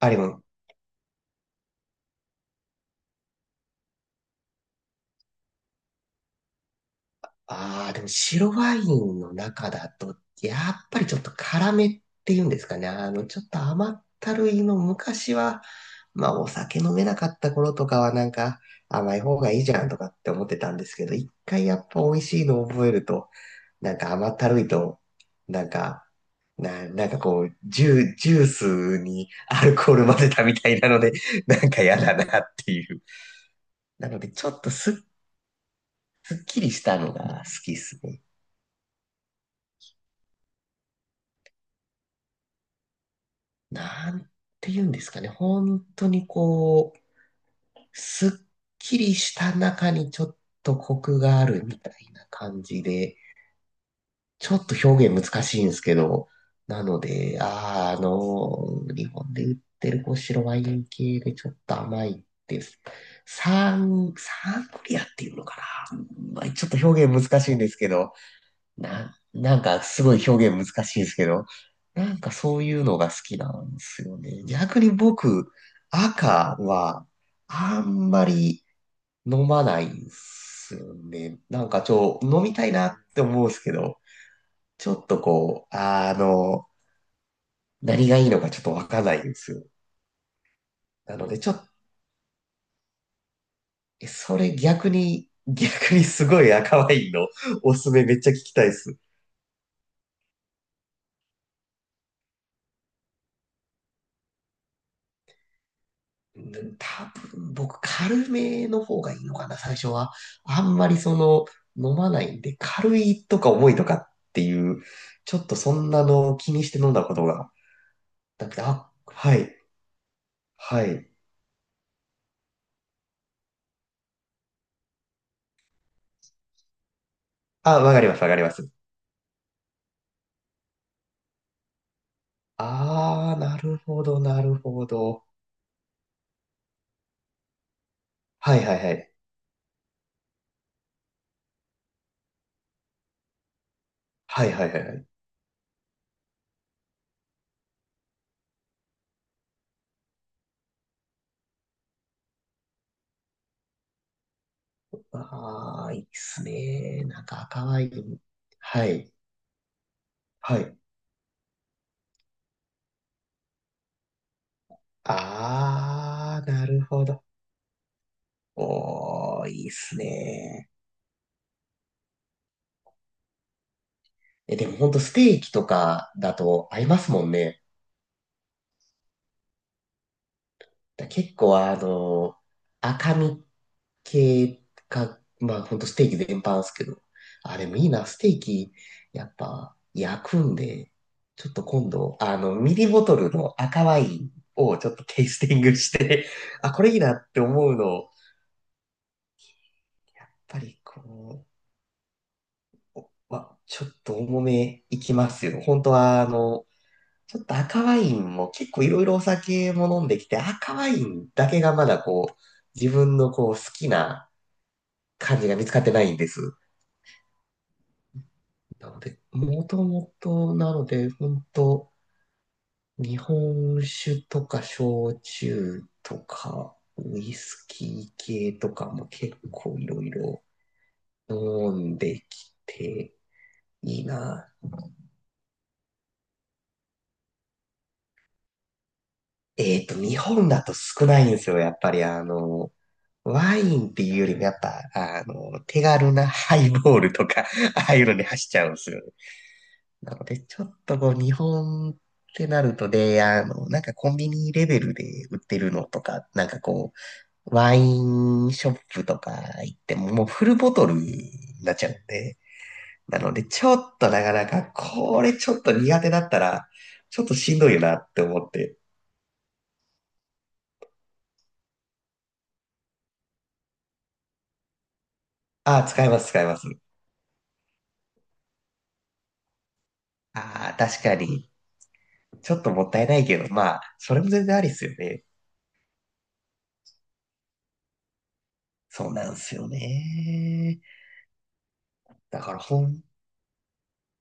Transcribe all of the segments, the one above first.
あ、れも、ああ、でも白ワインの中だと、やっぱりちょっと辛めっていうんですかね。ちょっと甘ったるいの昔は、まあお酒飲めなかった頃とかはなんか甘い方がいいじゃんとかって思ってたんですけど、一回やっぱ美味しいのを覚えると、なんか甘ったるいと、なんか、なんかこう、ジュースにアルコール混ぜたみたいなので、なんか嫌だなっていう。なのでちょっとすっきりしたのが好きっすね。なんて言うんですかね。本当にこう、すっきりした中にちょっとコクがあるみたいな感じで、ちょっと表現難しいんですけど、なので、日本で売ってるこう白ワイン系でちょっと甘いです。サングリアっていうのかな。まあちょっと表現難しいんですけど、なんかすごい表現難しいですけど、なんかそういうのが好きなんですよね。逆に僕、赤はあんまり飲まないんですよね。なんか飲みたいなって思うんですけど、ちょっとこう、何がいいのかちょっとわかんないんですよ。なので、ちょっと、それ逆に、すごい赤ワインのおすすめめっちゃ聞きたいです。多分僕軽めの方がいいのかな、最初は。あんまり飲まないんで、軽いとか重いとかっていう、ちょっとそんなのを気にして飲んだことがなくて、あ、はい、はい。あ、わかります、わかります。あー、なるほど、なるほど。はいはいはい。はいはいはいはい。あー、いいっすね。なんか赤ワイン。はい、はい。あー、なるほど。おー、いいっすね。え、でもほんとステーキとかだと合いますもんね。結構赤身系か、まあほんとステーキ全般ですけど。あ、でもいいな、ステーキ、やっぱ焼くんで、ちょっと今度、ミリボトルの赤ワインをちょっとテイスティングして、あ、これいいなって思うの、やっぱりこう、まあ、ちょっと重めいきますよ。本当はちょっと赤ワインも結構いろいろお酒も飲んできて、赤ワインだけがまだこう、自分のこう好きな感じが見つかってないんです。なので、もともと、なので、本当日本酒とか焼酎とか、ウイスキー系とかも結構いろいろ飲んできて、いいな。えっと、日本だと少ないんですよ、やっぱりワインっていうよりもやっぱ、手軽なハイボールとか、ああいうのに走っちゃうんですよね。なので、ちょっとこう、日本ってなるとで、なんかコンビニレベルで売ってるのとか、なんかこう、ワインショップとか行っても、もうフルボトルになっちゃうんで、なので、ちょっとなかなか、これちょっと苦手だったら、ちょっとしんどいよなって思って、ああ、使います、使います。ああ、確かに。ちょっともったいないけど、まあ、それも全然ありっすよね。そうなんですよね。だから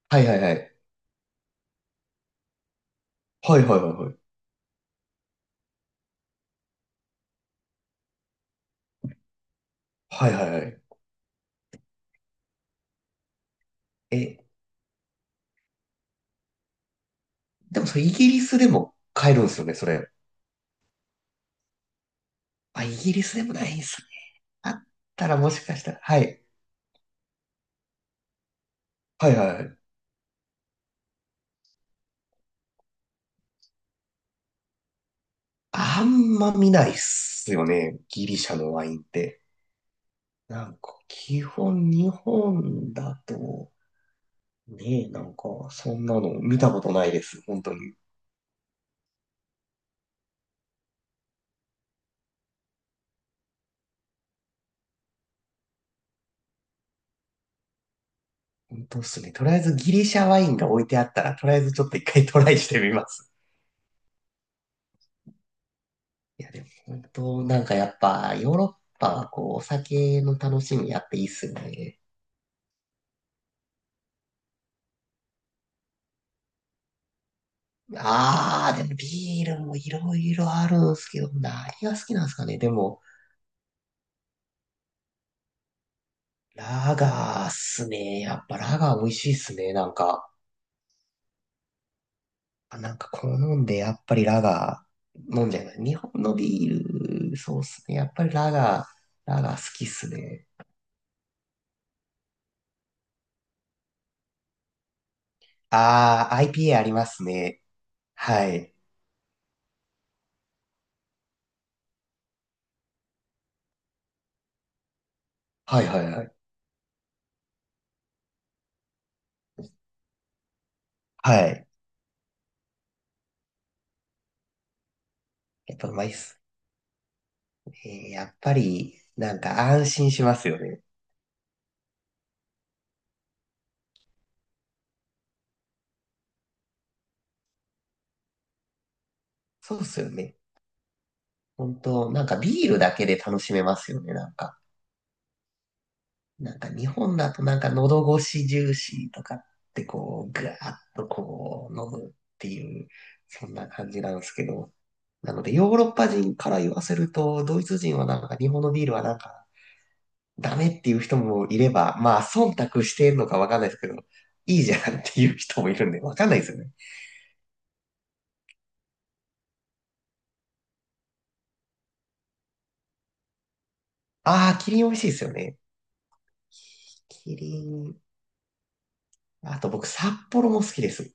はいはいはい。はいはいはいはい。はいはいはい。え、でもそれイギリスでも買えるんですよね、それ。あ、イギリスでもないんすね。あったらもしかしたら、はい。はいはいはい。あんま見ないっすよね、ギリシャのワインって。なんか、基本日本だと、ねえ、なんか、そんなの見たことないです、本当に。本当っすね。とりあえずギリシャワインが置いてあったら、とりあえずちょっと一回トライしてみます。いや、でも本当、なんかやっぱ、ヨーロッパはこう、お酒の楽しみやっていいっすよね。あー、でもビールもいろいろあるんすけど、何が好きなんですかね。でも、ラガーっすね。やっぱラガー美味しいっすね。なんか、あなんか好んで、やっぱりラガー飲んじゃいます。日本のビール、そうっすね。やっぱりラガー好きっすね。あー、IPA ありますね。はい。はいはいはい。はい。やっぱうまいっす。えーやっぱり、なんか安心しますよね。そうっすよね。本当なんかビールだけで楽しめますよね、なんか。なんか日本だとなんか喉越し重視とかってこう、ぐわーっとこう、飲むっていう、そんな感じなんですけど。なので、ヨーロッパ人から言わせると、ドイツ人はなんか日本のビールはなんかダメっていう人もいれば、まあ、忖度してんのかわかんないですけど、いいじゃんっていう人もいるんで、わかんないですよね。ああ、キリン美味しいですよね。キリン、あと僕、札幌も好きです。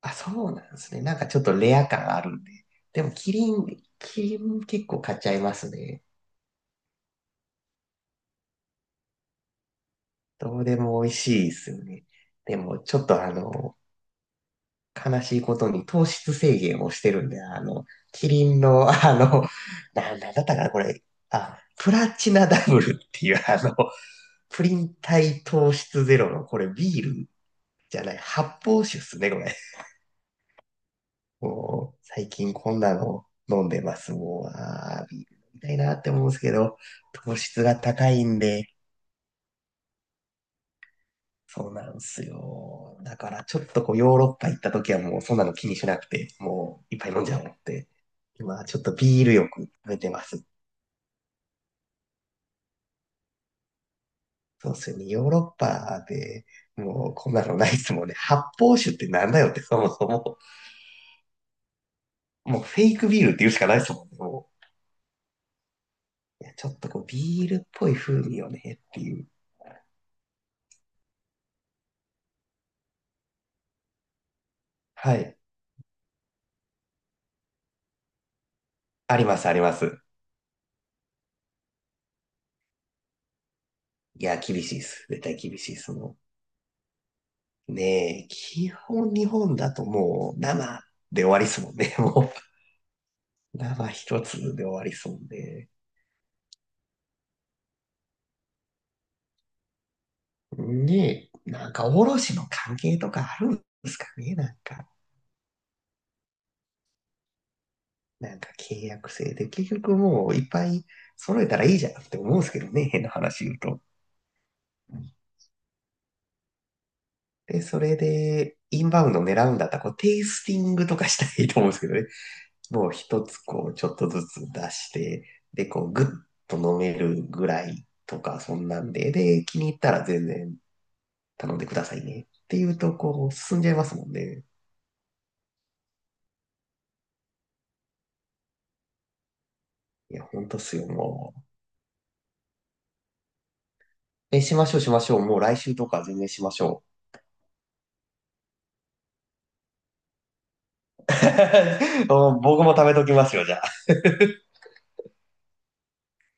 あ、そうなんですね。なんかちょっとレア感あるんで。でも、キリン結構買っちゃいますね。どうでも美味しいですよね。でも、ちょっと悲しいことに糖質制限をしてるんで、キリンの、なんだったかな、これ。あ、プラチナダブルっていう、プリン体糖質ゼロの、これビールじゃない、発泡酒っすね、これ。もう、最近こんなの飲んでます。もう、あービール飲みたいなって思うんですけど、糖質が高いんで、そうなんですよ。だから、ちょっとこう、ヨーロッパ行った時はもう、そんなの気にしなくて、もう、いっぱい飲んじゃおうって。今、ちょっとビールよく食べてます。そうですよね。ヨーロッパで、もう、こんなのないですもんね。発泡酒ってなんだよって、そもそも。もう、フェイクビールって言うしかないですもんね。もう、いやちょっとこう、ビールっぽい風味よねっていう。はい。あります、あります。いや、厳しいです。絶対厳しいです。その、ねえ、基本日本だともう生で終わりっすもんね。もう、生一つで終わりっすもんね。ねえ、なんか卸の関係とかあるんですかね、なんか。なんか契約制で、結局もういっぱい揃えたらいいじゃんって思うんですけどね、変な話言うと。で、それで、インバウンド狙うんだったら、こう、テイスティングとかしたらいいと思うんですけどね。を一つこう、ちょっとずつ出して、で、こう、ぐっと飲めるぐらいとか、そんなんで、で、気に入ったら全然頼んでくださいね。っていうと、こう、進んじゃいますもんね。いや、ほんとっすよ、もう。え、しましょう、しましょう。もう来週とか全然しましょう。う僕も食べときますよ、じゃあ。